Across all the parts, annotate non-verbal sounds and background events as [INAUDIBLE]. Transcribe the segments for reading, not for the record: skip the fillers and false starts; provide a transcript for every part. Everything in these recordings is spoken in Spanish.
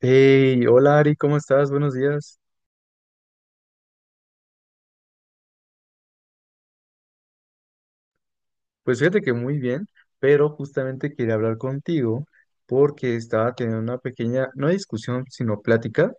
Hey, hola Ari, ¿cómo estás? Buenos días. Pues fíjate que muy bien, pero justamente quería hablar contigo porque estaba teniendo una pequeña, no discusión, sino plática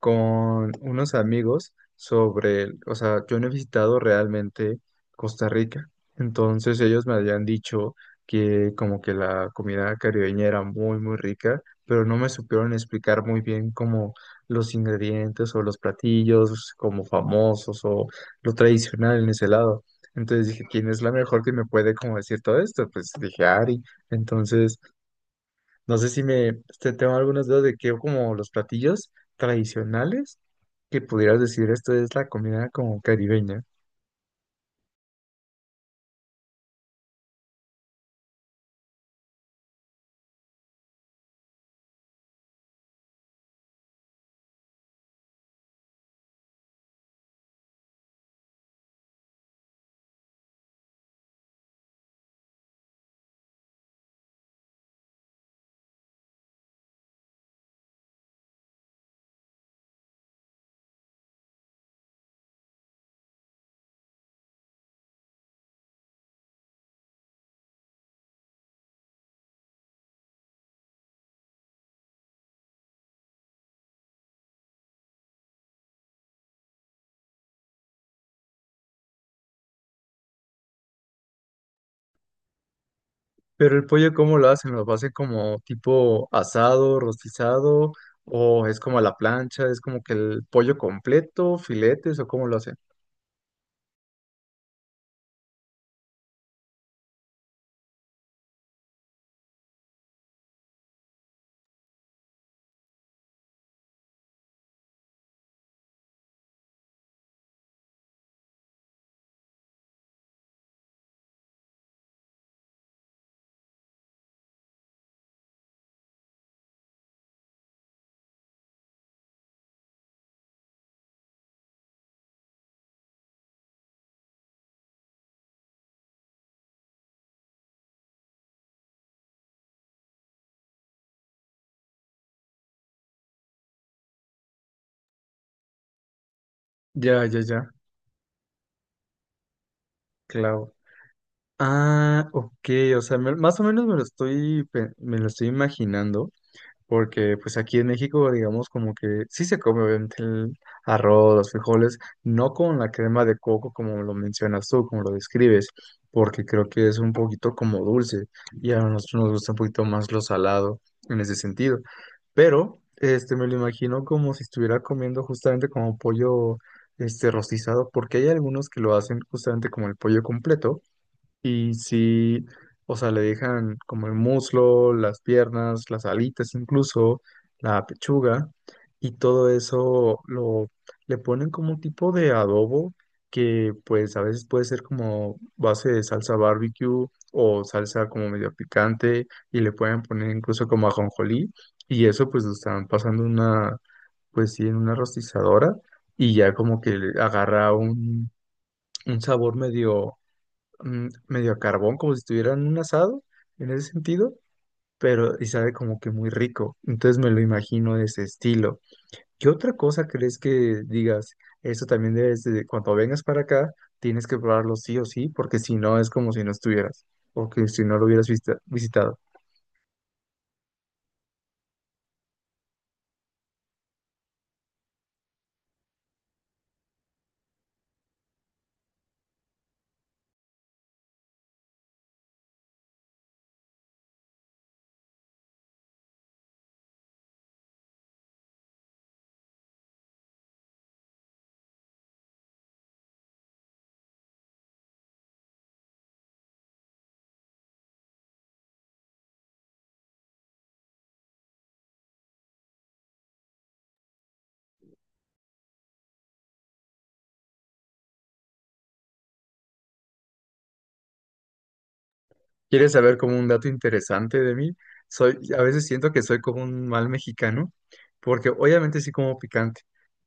con unos amigos sobre, o sea, yo no he visitado realmente Costa Rica, entonces ellos me habían dicho que como que la comida caribeña era muy rica, pero no me supieron explicar muy bien como los ingredientes o los platillos como famosos o lo tradicional en ese lado. Entonces dije, ¿quién es la mejor que me puede como decir todo esto? Pues dije, Ari. Entonces... No sé si me, tengo algunas dudas de que como los platillos tradicionales, que pudieras decir esto es la comida como caribeña. Pero el pollo, ¿cómo lo hacen? ¿Lo hacen como tipo asado, rostizado? ¿O es como a la plancha? ¿Es como que el pollo completo, filetes o cómo lo hacen? Ya, ya, ya, claro. Ah, ok, o sea, más o menos me lo me lo estoy imaginando, porque pues aquí en México, digamos, como que sí se come obviamente el arroz, los frijoles, no con la crema de coco como lo mencionas tú, como lo describes, porque creo que es un poquito como dulce y a nosotros nos gusta un poquito más lo salado en ese sentido. Pero, me lo imagino como si estuviera comiendo justamente como pollo, rostizado, porque hay algunos que lo hacen justamente como el pollo completo y si, o sea, le dejan como el muslo, las piernas, las alitas incluso, la pechuga, y todo eso lo le ponen como un tipo de adobo que pues a veces puede ser como base de salsa barbecue o salsa como medio picante y le pueden poner incluso como ajonjolí, y eso pues lo están pasando una pues sí en una rostizadora y ya como que le agarra un sabor medio medio a carbón, como si estuvieran en un asado, en ese sentido, pero y sabe como que muy rico. Entonces me lo imagino de ese estilo. ¿Qué otra cosa crees que digas? Esto también debes de, cuando vengas para acá, tienes que probarlo sí o sí, porque si no es como si no estuvieras, o que si no lo visitado. ¿Quieres saber como un dato interesante de mí? Soy, a veces siento que soy como un mal mexicano, porque obviamente sí como picante,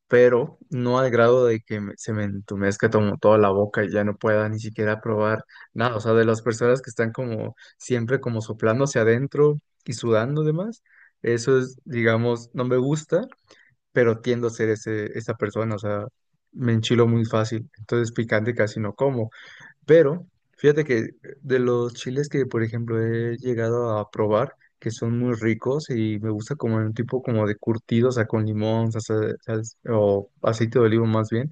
pero no al grado de que se me entumezca como toda la boca y ya no pueda ni siquiera probar nada. O sea, de las personas que están como siempre como soplando hacia adentro y sudando demás, eso es, digamos, no me gusta, pero tiendo a ser ese, esa persona, o sea, me enchilo muy fácil, entonces picante casi no como. Pero fíjate que de los chiles que, por ejemplo, he llegado a probar, que son muy ricos y me gusta como un tipo como de curtido, o sea, con limón, o aceite de olivo más bien,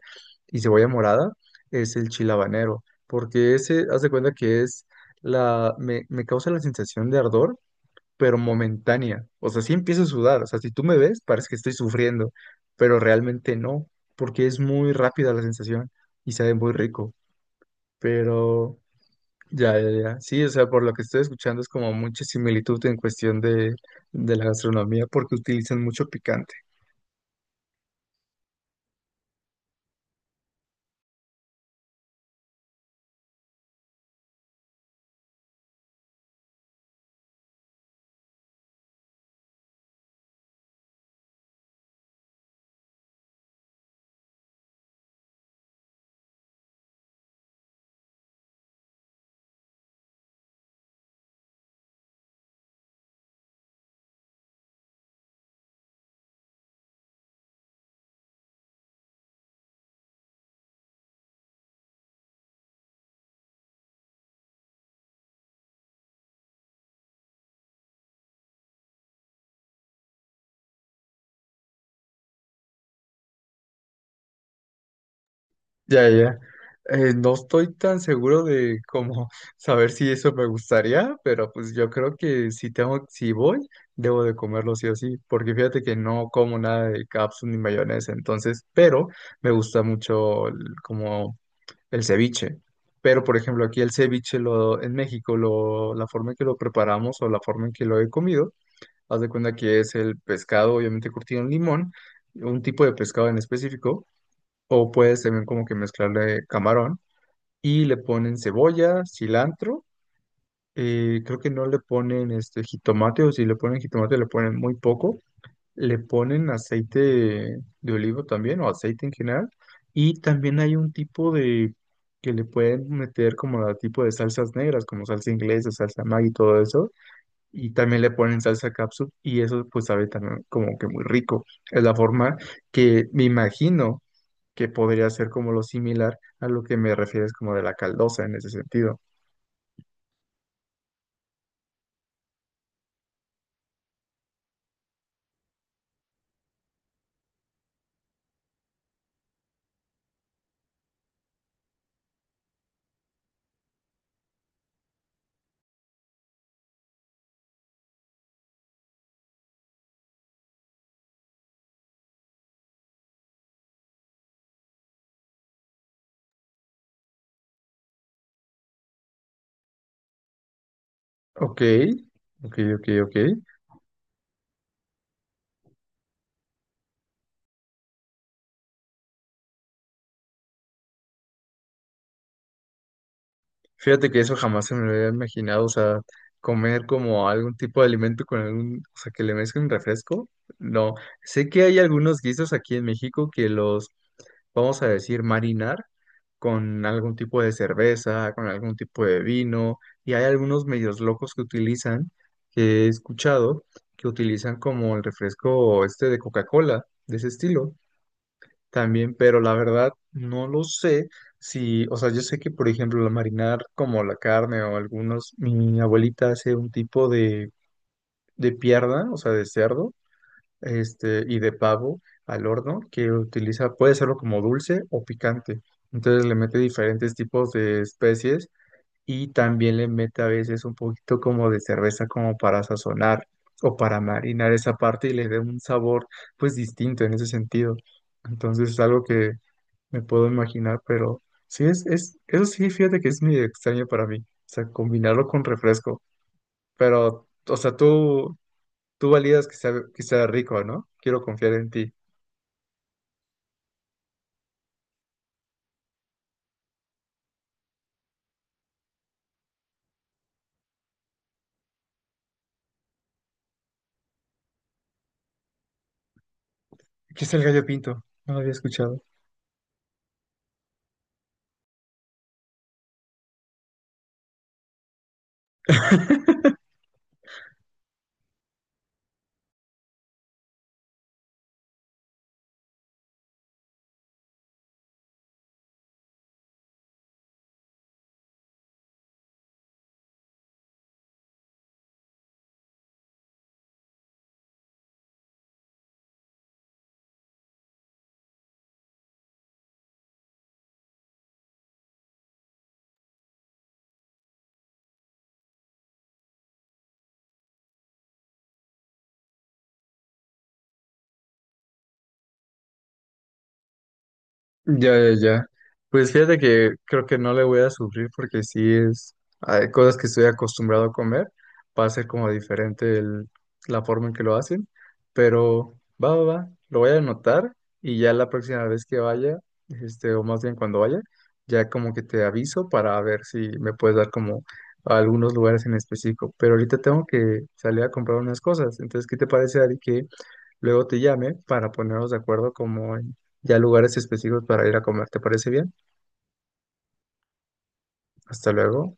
y cebolla morada, es el chile habanero, porque ese, haz de cuenta que es me causa la sensación de ardor, pero momentánea, o sea, sí empiezo a sudar, o sea, si tú me ves, parece que estoy sufriendo, pero realmente no, porque es muy rápida la sensación y sabe muy rico. Pero ya, ya, ya. Sí, o sea, por lo que estoy escuchando es como mucha similitud en cuestión de la gastronomía porque utilizan mucho picante. Ya, ya, ya. No estoy tan seguro de cómo [LAUGHS] saber si eso me gustaría, pero pues yo creo que si tengo, si voy, debo de comerlo sí o sí, porque fíjate que no como nada de cápsula ni mayonesa, entonces, pero me gusta mucho como el ceviche. Pero, por ejemplo, aquí el ceviche en México, la forma en que lo preparamos o la forma en que lo he comido, haz de cuenta que es el pescado, obviamente curtido en limón, un tipo de pescado en específico, o puedes también como que mezclarle camarón y le ponen cebolla, cilantro, creo que no le ponen este jitomate, o si le ponen jitomate le ponen muy poco, le ponen aceite de olivo también, o aceite en general, y también hay un tipo de que le pueden meter como la tipo de salsas negras, como salsa inglesa, salsa Maggi y todo eso, y también le ponen salsa capsule y eso pues sabe también como que muy rico. Es la forma que me imagino que podría ser como lo similar a lo que me refieres como de la caldosa en ese sentido. Ok, ok, ok, ok. Fíjate que eso jamás se me lo había imaginado, o sea, comer como algún tipo de alimento con algún, o sea, que le mezclen refresco. No, sé que hay algunos guisos aquí en México que los, vamos a decir, marinar con algún tipo de cerveza, con algún tipo de vino, y hay algunos medios locos que utilizan, que he escuchado, que utilizan como el refresco este de Coca-Cola, de ese estilo también, pero la verdad no lo sé si, o sea, yo sé que por ejemplo la marinar como la carne o algunos, mi abuelita hace un tipo de pierna, o sea, de cerdo, y de pavo al horno que utiliza, puede serlo como dulce o picante. Entonces le mete diferentes tipos de especies y también le mete a veces un poquito como de cerveza como para sazonar o para marinar esa parte y le dé un sabor pues distinto en ese sentido. Entonces es algo que me puedo imaginar, pero sí eso sí, fíjate que es medio extraño para mí, o sea, combinarlo con refresco, pero, o sea, tú validas que que sea rico, ¿no? Quiero confiar en ti. ¿Qué es el gallo pinto? No lo había escuchado. [LAUGHS] Ya, ya, ya. Pues fíjate que creo que no le voy a sufrir porque sí es, hay cosas que estoy acostumbrado a comer, va a ser como diferente la forma en que lo hacen, pero va, va, va, lo voy a anotar y ya la próxima vez que vaya, o más bien cuando vaya, ya como que te aviso para ver si me puedes dar como algunos lugares en específico, pero ahorita tengo que salir a comprar unas cosas, entonces, ¿qué te parece, Ari, que luego te llame para ponernos de acuerdo como en ya lugares específicos para ir a comer? ¿Te parece bien? Hasta luego.